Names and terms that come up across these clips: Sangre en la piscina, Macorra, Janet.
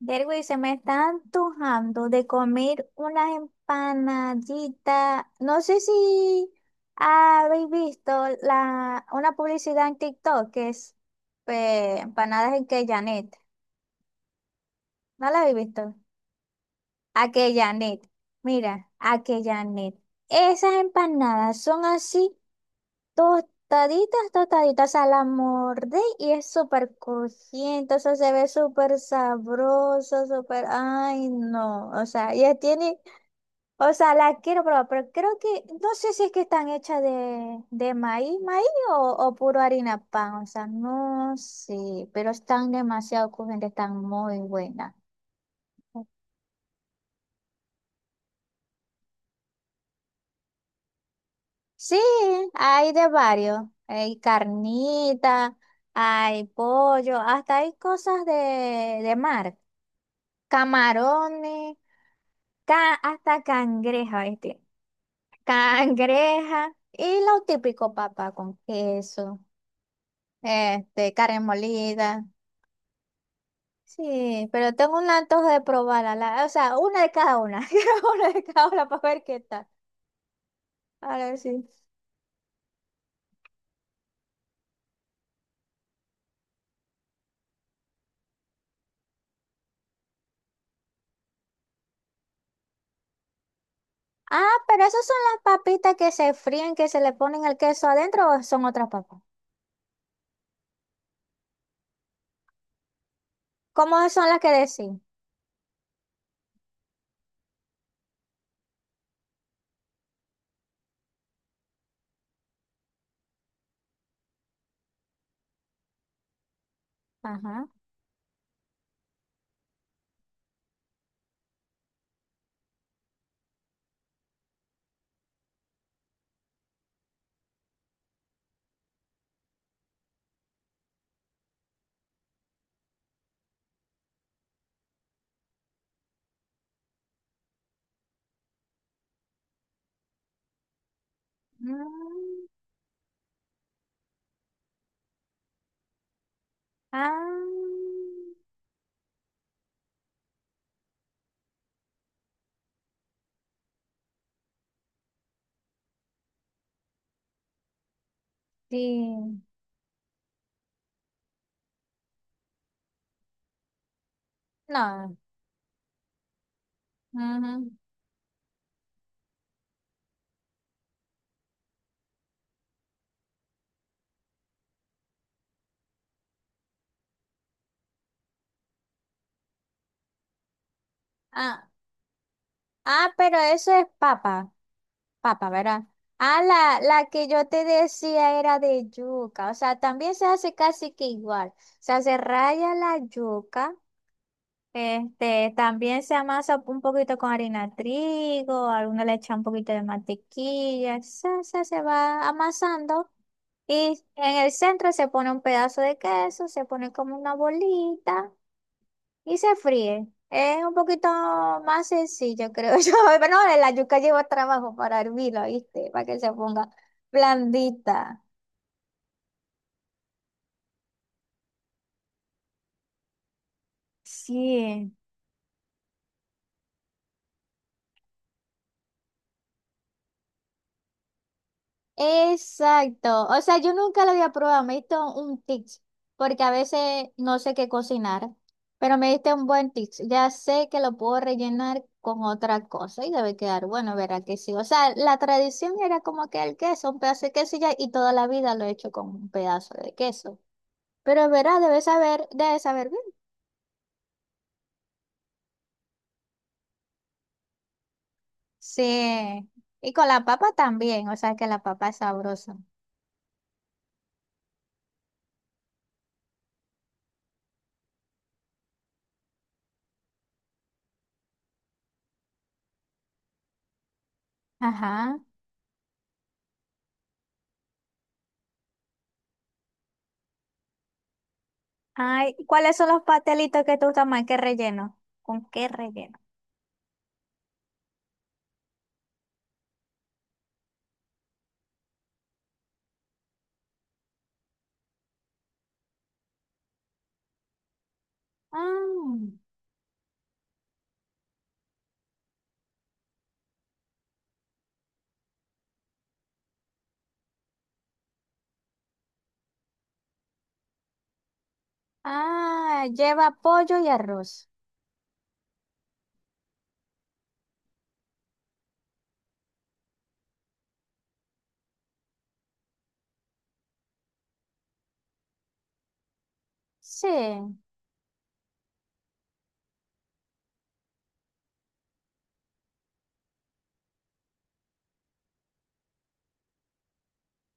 Derwin, se me está antojando de comer unas empanaditas. No sé si habéis visto una publicidad en TikTok que es empanadas en Janet. ¿No la habéis visto? Janet. Mira, Janet. Esas empanadas son así tostaditas, tostaditas. O sea, la mordé y es súper crujiente. O sea, se ve súper sabroso, súper... Ay, no. O sea, ya tiene... O sea, la quiero probar, pero creo que, no sé si es que están hechas de maíz, maíz o puro harina pan, o sea, no sé, pero están demasiado crujientes, están muy buenas. Sí, hay de varios, hay carnita, hay pollo, hasta hay cosas de mar, camarones, hasta cangreja, este, cangreja, y lo típico, papá, con queso, este, carne molida. Sí, pero tengo un antojo de probarla. O sea, una de cada una. Quiero una de cada una para ver qué tal. A ver si. Ah, pero esas son las papitas que se fríen, que se le ponen el queso adentro o son otras papas. ¿Cómo son las que decís? Ajá. Mm, ah, sí. No. Ujú. Ah, ah, pero eso es papa. Papa, ¿verdad? Ah, la que yo te decía era de yuca, o sea, también se hace casi que igual, o sea, se raya la yuca, este, también se amasa un poquito con harina de trigo, alguna le echa un poquito de mantequilla, se va amasando y en el centro se pone un pedazo de queso, se pone como una bolita y se fríe. Es un poquito más sencillo, creo yo. Pero no, la yuca lleva trabajo para hervirla, ¿viste? Para que se ponga blandita. Sí. Exacto. O sea, yo nunca lo había probado. Me diste un tip, porque a veces no sé qué cocinar, pero me diste un buen tip. Ya sé que lo puedo rellenar con otra cosa y debe quedar bueno, verá que sí. O sea, la tradición era como que el queso, un pedazo de queso y ya, y toda la vida lo he hecho con un pedazo de queso. Pero verás, debes saber bien. Sí. Y con la papa también, o sea que la papa es sabrosa. Ajá. Ay, ¿y cuáles son los pastelitos que te gustan más? ¿Qué relleno? ¿Con qué relleno? Ah, ah, lleva pollo y arroz. Sí,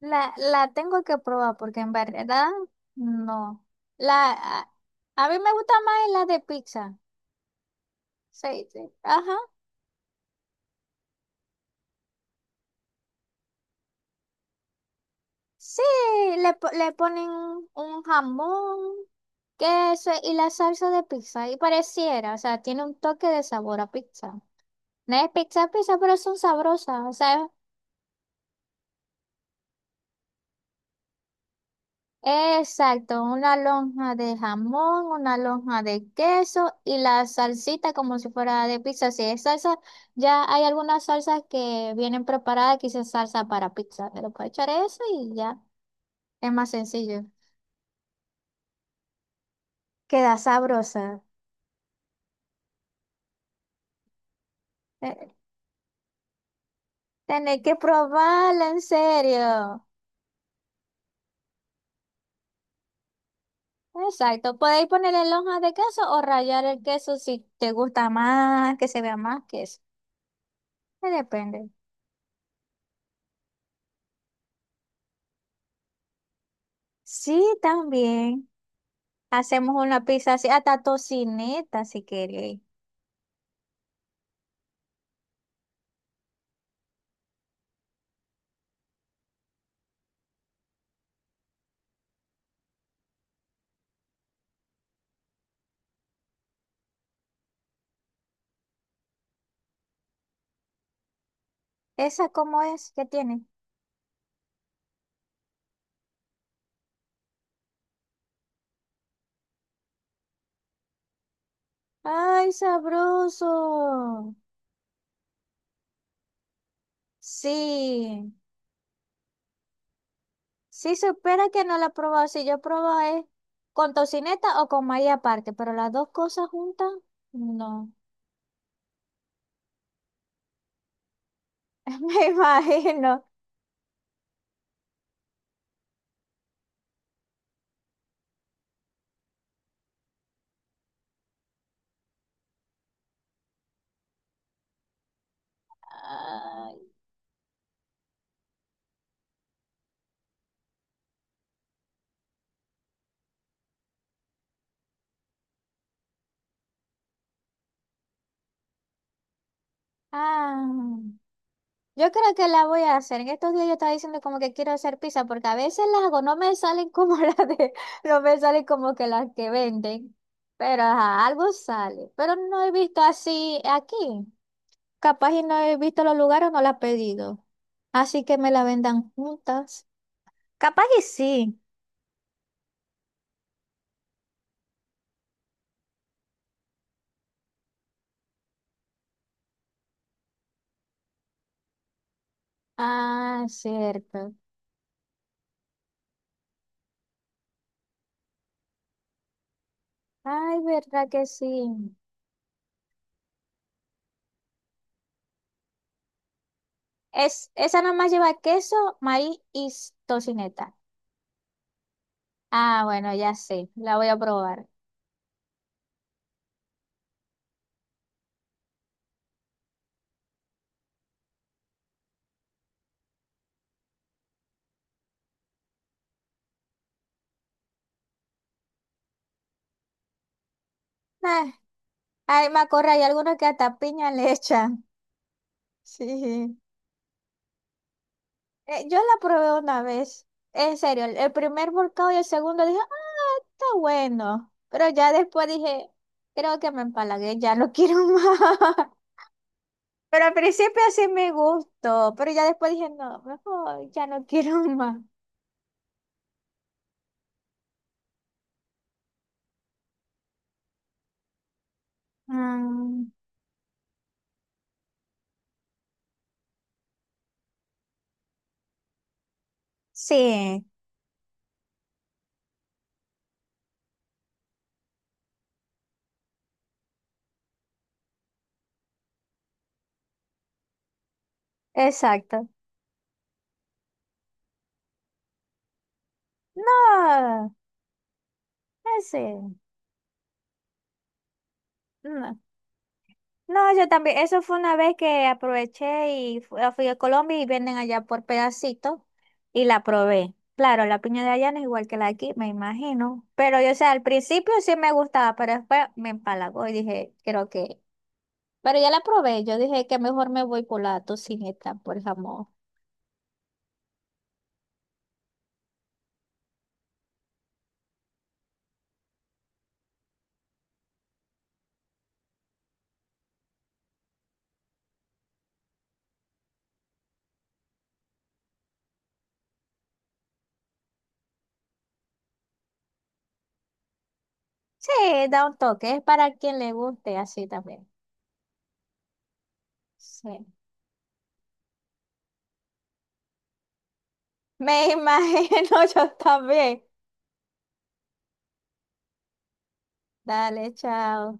la tengo que probar porque en verdad no. La, a, a mí me gusta más la de pizza. Sí, sí. Ajá. Sí, le ponen un jamón. Queso y la salsa de pizza. Y pareciera, o sea, tiene un toque de sabor a pizza. No es pizza, pizza, pero son sabrosas. O sea, exacto, una lonja de jamón, una lonja de queso y la salsita como si fuera de pizza. Si es salsa, ya hay algunas salsas que vienen preparadas, quizás salsa para pizza. Pero puedes echar eso y ya, es más sencillo. Queda sabrosa. Eh, Tenés que probarla, en serio. Exacto, podéis ponerle lonjas de queso o rallar el queso si te gusta más, que se vea más queso. Depende. Sí, también hacemos una pizza así, hasta tocineta si queréis. ¿Esa cómo es? ¿Qué tiene? ¡Ay, sabroso! Sí, sí, supera que no la he probado. Si yo he probado es con tocineta o con maíz aparte, pero las dos cosas juntas, no. Me imagino. Ay, ah. Yo creo que la voy a hacer. En estos días yo estaba diciendo como que quiero hacer pizza porque a veces las hago, no me salen como no me salen como que las que venden, pero ajá, algo sale. Pero no he visto así aquí. Capaz y no he visto los lugares, no la he pedido. Así que me la vendan juntas. Capaz y sí. Ah, cierto. Ay, verdad que sí. Es, esa nomás lleva queso, maíz y tocineta. Ah, bueno, ya sé. La voy a probar. Ah, ay, Macorra, hay algunos que hasta piña le echan. Sí. Yo la probé una vez. En serio, el primer volcado y el segundo dije, ah, está bueno. Pero ya después dije, creo que me empalagué, ya no quiero más. Pero al principio sí me gustó, pero ya después dije, no, mejor ya no quiero más. Mm, sí, exacto. No, ese. No. No, yo también, eso fue una vez que aproveché y fui a Colombia y venden allá por pedacitos y la probé. Claro, la piña de allá no es igual que la de aquí, me imagino. Pero yo, o sea, al principio sí me gustaba, pero después me empalagó y dije, creo que... Pero ya la probé, yo dije que mejor me voy por la tocineta, por jamón. Sí, da un toque, es para quien le guste así también. Sí. Me imagino yo también. Dale, chao.